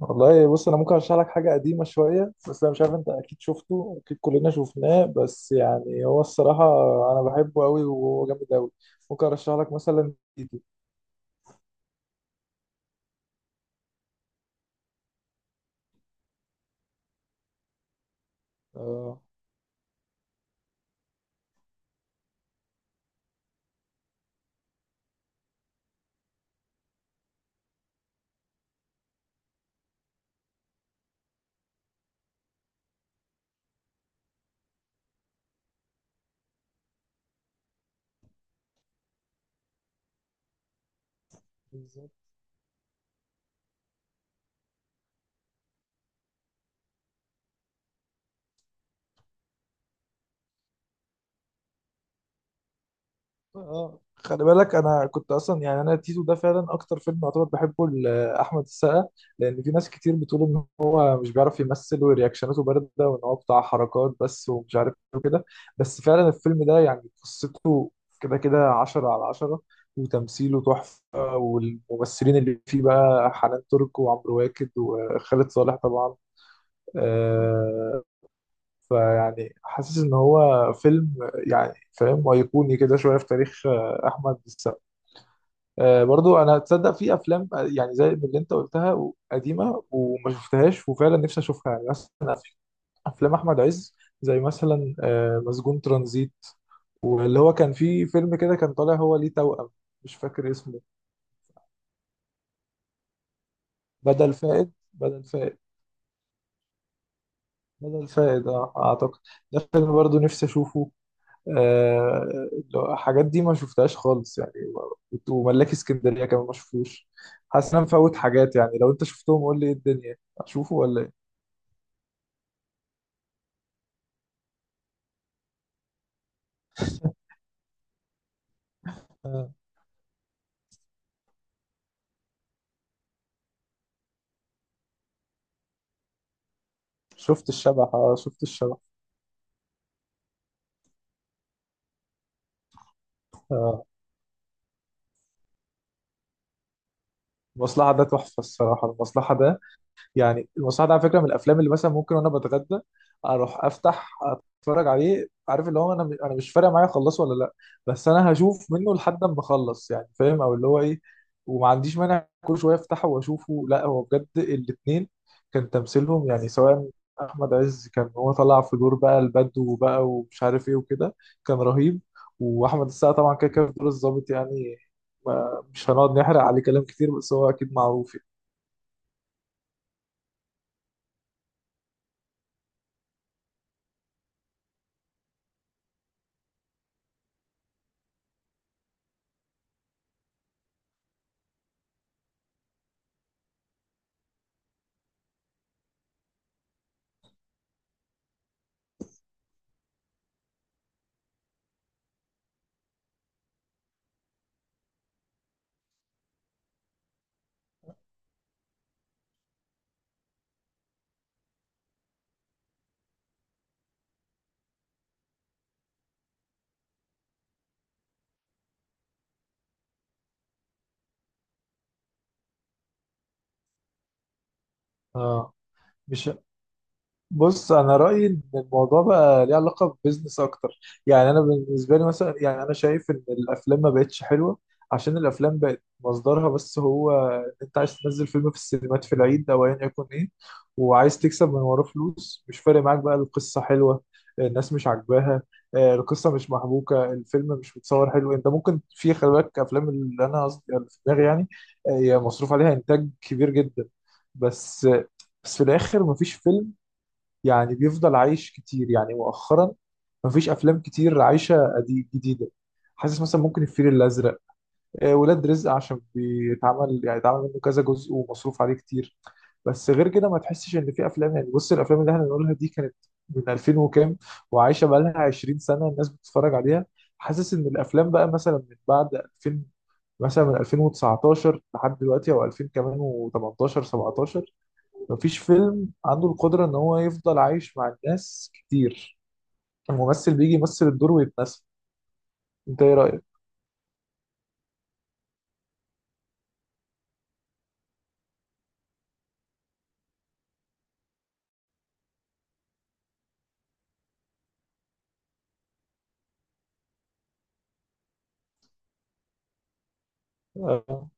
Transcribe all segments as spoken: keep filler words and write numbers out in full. والله بص، انا ممكن ارشح لك حاجه قديمه شويه. بس انا مش عارف، انت اكيد شفته، اكيد كلنا شفناه. بس يعني هو الصراحه انا بحبه قوي وهو جامد قوي. ممكن ارشح لك مثلا تيتو. آه. اه، خلي بالك، انا كنت اصلا يعني انا تيتو ده فعلا اكتر فيلم يعتبر بحبه لاحمد السقا، لان في ناس كتير بتقول ان هو مش بيعرف يمثل ورياكشناته بارده وان هو بتاع حركات بس ومش عارف ايه وكده. بس فعلا الفيلم ده يعني قصته كده كده عشرة على عشرة، وتمثيله تحفه، والممثلين اللي فيه بقى حنان ترك وعمرو واكد وخالد صالح طبعا. آه، فيعني حاسس ان هو فيلم، يعني فاهم، ايقوني كده شويه في تاريخ آه، احمد السقا. آه، برضو انا تصدق في افلام آه، يعني زي اللي انت قلتها و- قديمه وما شفتهاش، وفعلا نفسي اشوفها. يعني مثلا في افلام احمد عز، زي مثلا آه، مسجون ترانزيت، واللي هو كان فيه فيلم كده كان طالع هو ليه توأم، مش فاكر اسمه. بدل فائد، بدل فائد، بدل فائد اه اعتقد. ده فيلم برضو نفسي اشوفه. آه، الحاجات دي ما شفتهاش خالص يعني. وملاك اسكندرية كمان ما شفتوش. حاسس ان انا مفوت حاجات. يعني لو انت شفتهم قول لي، ايه الدنيا اشوفه ولا ايه؟ آه، شفت الشبح، اه شفت الشبح. آه، المصلحة ده تحفة الصراحة. المصلحة ده يعني المصحف ده على فكره من الافلام اللي مثلا ممكن وانا بتغدى اروح افتح اتفرج عليه، عارف اللي هو انا انا مش فارق معايا اخلصه ولا لا. بس انا هشوف منه لحد ما اخلص، يعني فاهم، او اللي هو ايه. وما عنديش مانع كل شويه افتحه واشوفه. لا، هو بجد الاثنين كان تمثيلهم يعني، سواء احمد عز كان هو طلع في دور بقى البدو بقى ومش عارف ايه وكده، كان رهيب. واحمد السقا طبعا كده كده في دور الظابط، يعني ما- مش هنقعد نحرق عليه كلام كتير، بس هو اكيد معروف يعني. اه، مش بص انا رايي ان الموضوع بقى ليه علاقه ببزنس اكتر. يعني انا بالنسبه لي مثلا، يعني انا شايف ان الافلام ما بقتش حلوه عشان الافلام بقت مصدرها بس هو انت عايز تنزل فيلم في السينمات في العيد او ايا يكن ايه، وعايز تكسب من وراه فلوس. مش فارق معاك بقى القصه حلوه، الناس مش عاجباها، آه، القصه مش محبوكه، الفيلم مش متصور حلو. انت ممكن، في خلي بالك افلام اللي انا قصدي اللي في دماغي يعني، آه، هي مصروف عليها انتاج كبير جدا. بس بس في الاخر مفيش فيلم يعني بيفضل عايش كتير. يعني مؤخرا مفيش افلام كتير عايشه قديم جديده. حاسس مثلا ممكن الفيل الازرق، آه، ولاد رزق عشان بيتعمل، يعني اتعمل منه كذا جزء ومصروف عليه كتير. بس غير كده ما تحسش ان في افلام. يعني بص الافلام اللي احنا بنقولها دي كانت من الفين وكام وعايشه بقى لها عشرين سنه الناس بتتفرج عليها. حاسس ان الافلام بقى مثلا من بعد الفين، مثلا من الفين وتسعتاشر لحد دلوقتي او الفين كمان و18 سبعتاشر، مفيش فيلم عنده القدرة ان هو يفضل عايش مع الناس كتير. الممثل بيجي يمثل الدور ويتنسى. انت ايه رأيك؟ آه.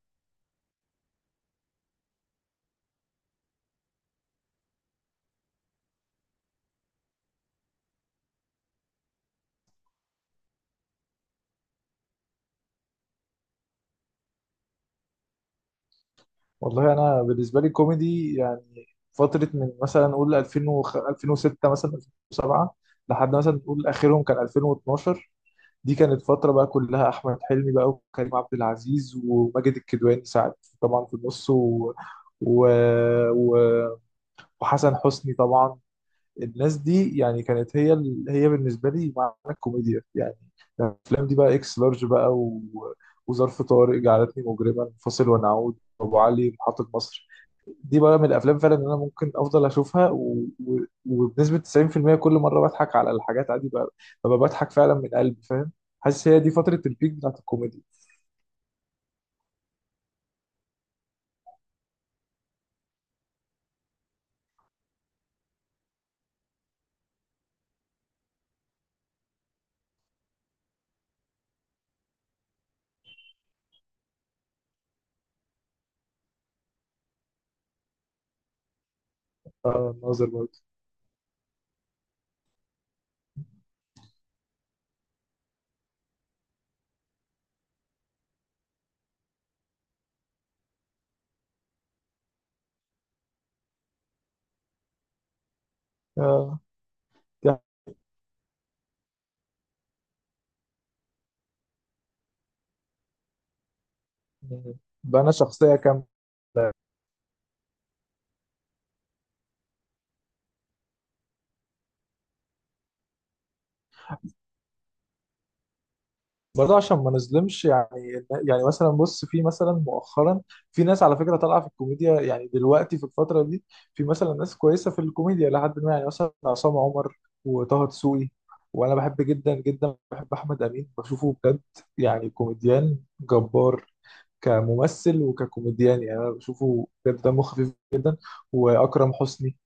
والله انا بالنسبة لي كوميدي يعني فترة من مثلا نقول الفين وخ- الفين وسته مثلا الفين وسبعه لحد مثلا نقول اخرهم كان الفين واتناشر. دي كانت فترة بقى كلها أحمد حلمي بقى وكريم عبد العزيز وماجد الكدواني، ساعات طبعا في النص، و... و... و... وحسن حسني طبعا. الناس دي يعني كانت هي ال... هي بالنسبه لي معنى الكوميديا، يعني الافلام دي بقى اكس لارج بقى و... وظرف طارق، جعلتني مجرما، فاصل ونعود، ابو علي، محطه مصر. دي بقى من الافلام فعلا ان انا ممكن افضل اشوفها و... و... وبنسبه تسعين في المئة كل مره بضحك على الحاجات عادي بقى. ببقى بضحك فعلا من قلبي، فاهم، حاسس هي دي فتره البيك بتاعت الكوميديا. آه، الناظر برضه. آه، يعني بقى انا شخصيه كامله. برضه عشان ما نظلمش يعني، يعني مثلا بص في مثلا مؤخرا في ناس على فكره طالعه في الكوميديا، يعني دلوقتي في الفتره دي في مثلا ناس كويسه في الكوميديا لحد ما، يعني مثلا عصام عمر وطه دسوقي. وانا بحب جدا جدا، بحب احمد امين بشوفه بجد، يعني كوميديان جبار، كممثل وككوميديان. يعني انا بشوفه بجد، دمه خفيف جدا. واكرم حسني.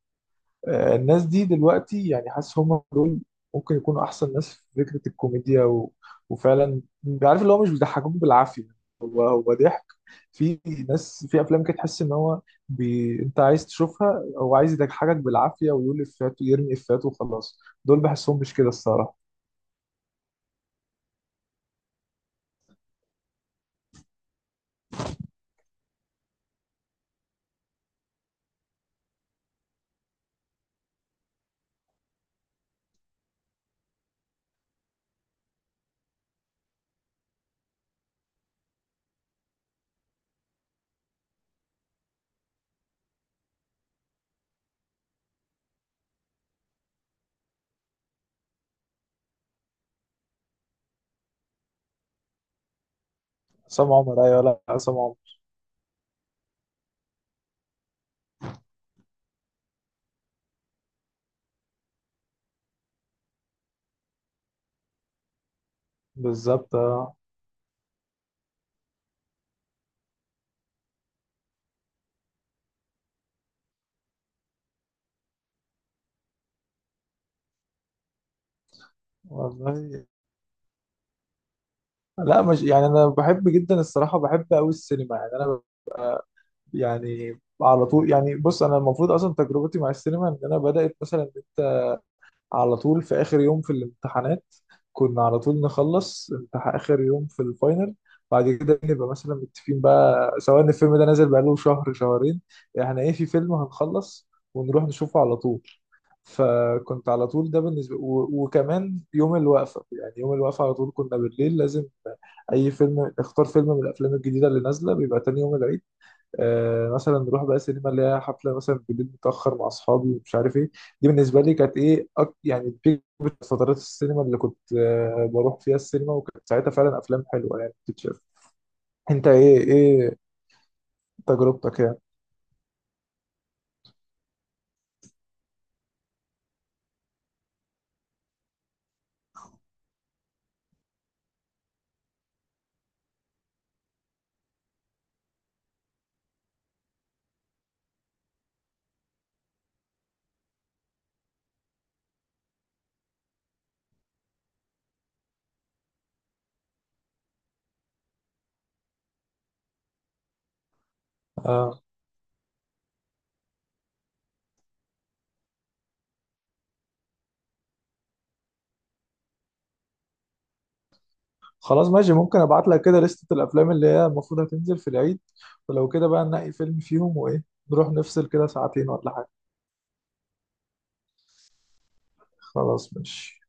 آه، الناس دي دلوقتي يعني حاسس هم دول ممكن يكونوا احسن ناس في فكره الكوميديا، و... وفعلا عارف اللي هو مش بيضحكوك بالعافيه. هو هو ضحك. في ناس في افلام كده تحس ان هو بي... انت عايز تشوفها، هو عايز يضحكك بالعافيه ويقول افيهات ويرمي افيهات وخلاص. دول بحسهم مش كده الصراحه. عصام عمر، ايوه، لا عصام عمر. بالظبط آه. والله لا مش يعني انا بحب جدا الصراحه، بحب قوي السينما. يعني انا يعني على طول، يعني بص انا المفروض اصلا تجربتي مع السينما ان انا بدات مثلا ان انت على طول في اخر يوم في الامتحانات كنا على طول نخلص امتحان اخر يوم في الفاينل. بعد كده نبقى مثلا متفقين بقى سواء ان الفيلم ده نازل بقاله شهر شهرين، احنا ايه في فيلم هنخلص ونروح نشوفه على طول. فكنت على طول ده بالنسبه، و... وكمان يوم الوقفه، يعني يوم الوقفه على طول كنا بالليل لازم اي فيلم، اختار فيلم من الافلام الجديده اللي نازله بيبقى تاني يوم العيد. آه، مثلا نروح بقى سينما اللي هي حفله مثلا بالليل متاخر مع اصحابي ومش عارف ايه. دي بالنسبه لي كانت ايه، أك... يعني بيك فترات السينما اللي كنت آه، بروح فيها السينما، وكانت ساعتها فعلا افلام حلوه يعني بتتشاف. انت ايه، ايه تجربتك يعني؟ آه، خلاص ماشي. ممكن ابعت لك كده لستة الافلام اللي هي المفروض هتنزل في العيد، ولو كده بقى ننقي فيلم فيهم وايه، نروح نفصل كده ساعتين ولا حاجه. خلاص ماشي.